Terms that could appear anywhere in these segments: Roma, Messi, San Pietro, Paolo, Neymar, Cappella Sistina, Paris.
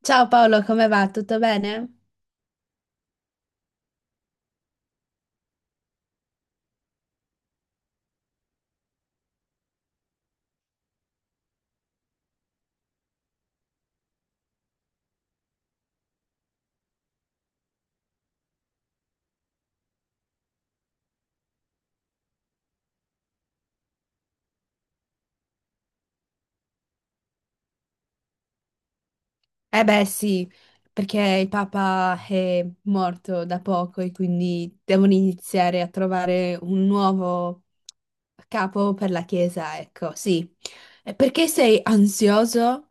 Ciao Paolo, come va? Tutto bene? Eh beh sì, perché il Papa è morto da poco e quindi devono iniziare a trovare un nuovo capo per la Chiesa, ecco, sì. E perché sei ansioso?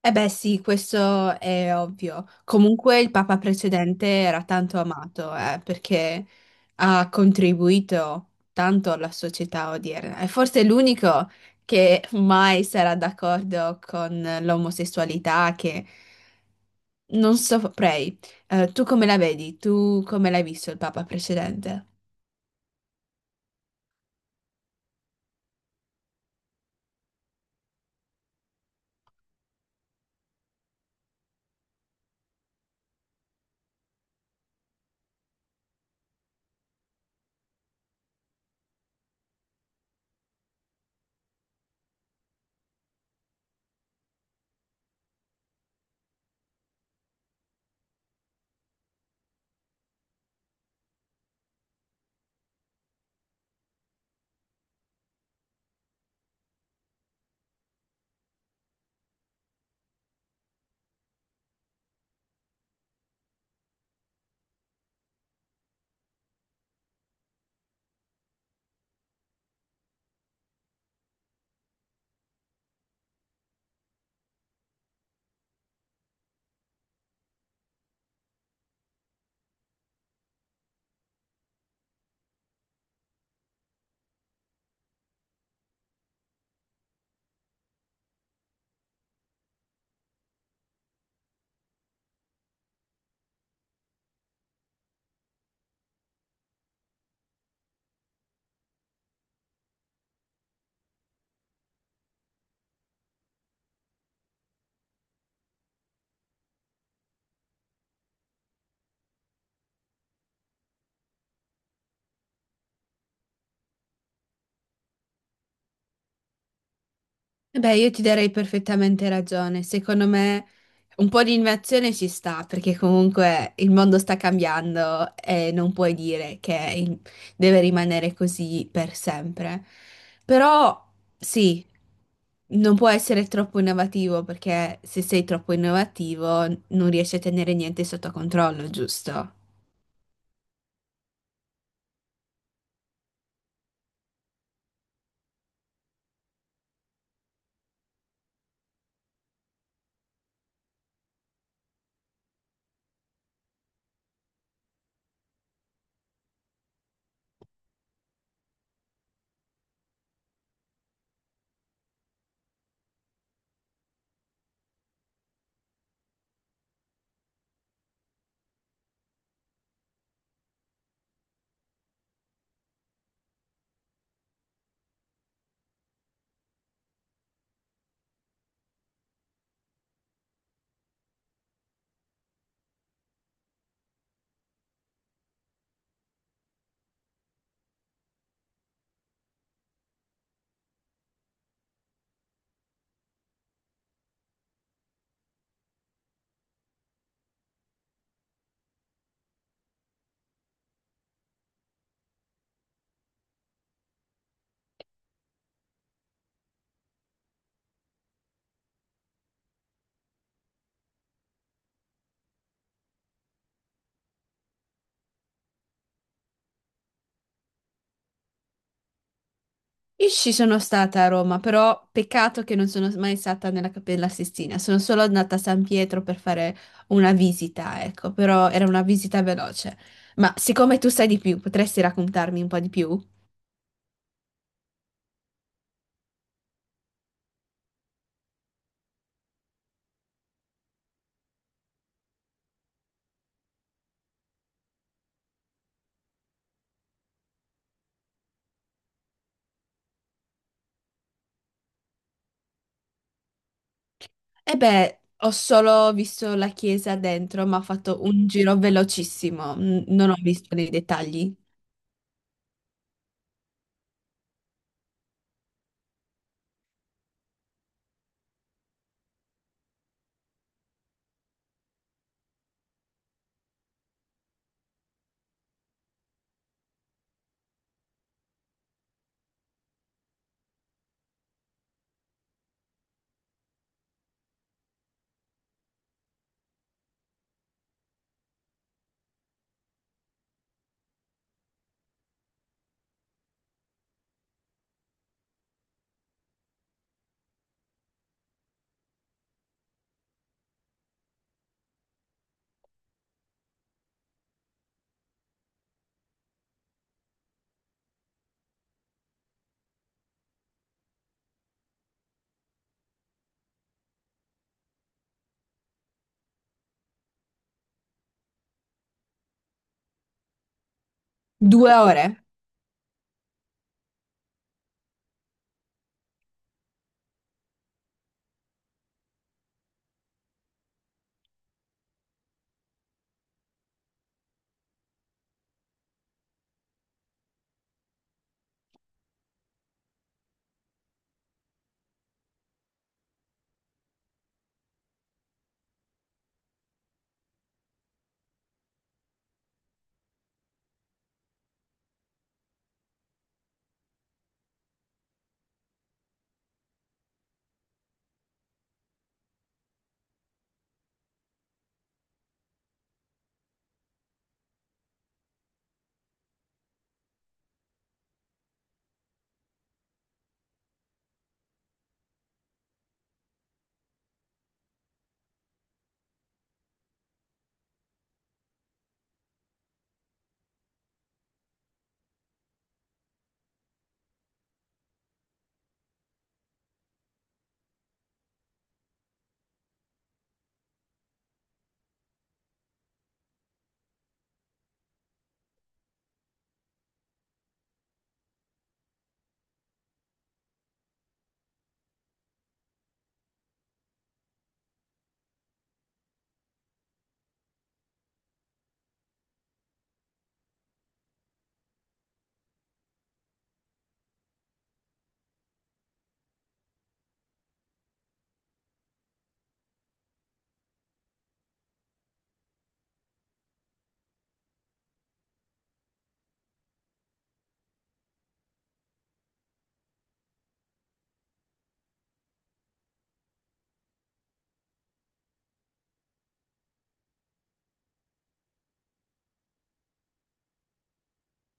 Eh beh sì, questo è ovvio. Comunque il papa precedente era tanto amato, perché ha contribuito tanto alla società odierna. È forse l'unico che mai sarà d'accordo con l'omosessualità, che non saprei. Tu come la vedi? Tu come l'hai visto il papa precedente? Eh beh, io ti darei perfettamente ragione. Secondo me un po' di innovazione ci sta, perché comunque il mondo sta cambiando e non puoi dire che deve rimanere così per sempre. Però sì, non può essere troppo innovativo, perché se sei troppo innovativo non riesci a tenere niente sotto controllo, giusto? Io ci sono stata a Roma, però peccato che non sono mai stata nella Cappella Sistina, sono solo andata a San Pietro per fare una visita, ecco, però era una visita veloce. Ma siccome tu sai di più, potresti raccontarmi un po' di più? E beh, ho solo visto la chiesa dentro, ma ho fatto un giro velocissimo, non ho visto nei dettagli. Due ore?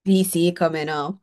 Sì, sì, come no.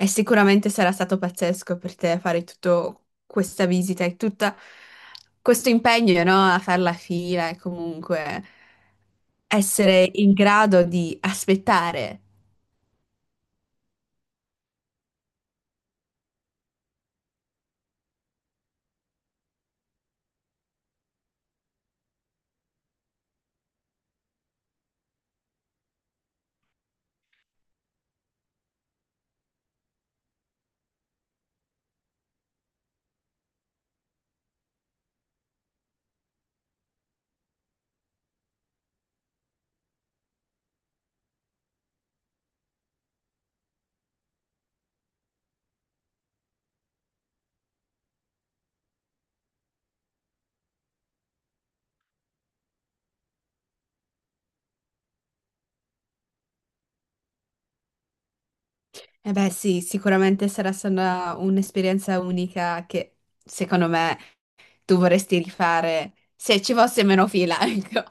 E sicuramente sarà stato pazzesco per te fare tutta questa visita e tutto questo impegno, no? A fare la fila e comunque essere in grado di aspettare. E beh, sì, sicuramente sarà stata un'esperienza unica che secondo me tu vorresti rifare se ci fosse meno fila, ecco.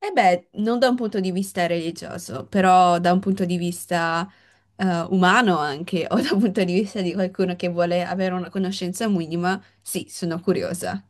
E beh, non da un punto di vista religioso, però da un punto di vista umano anche, o da un punto di vista di qualcuno che vuole avere una conoscenza minima, sì, sono curiosa.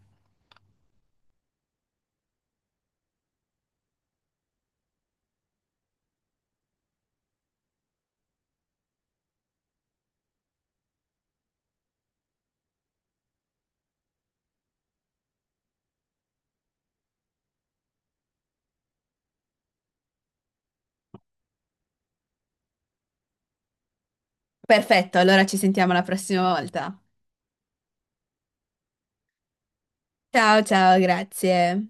Perfetto, allora ci sentiamo la prossima volta. Ciao, ciao, grazie.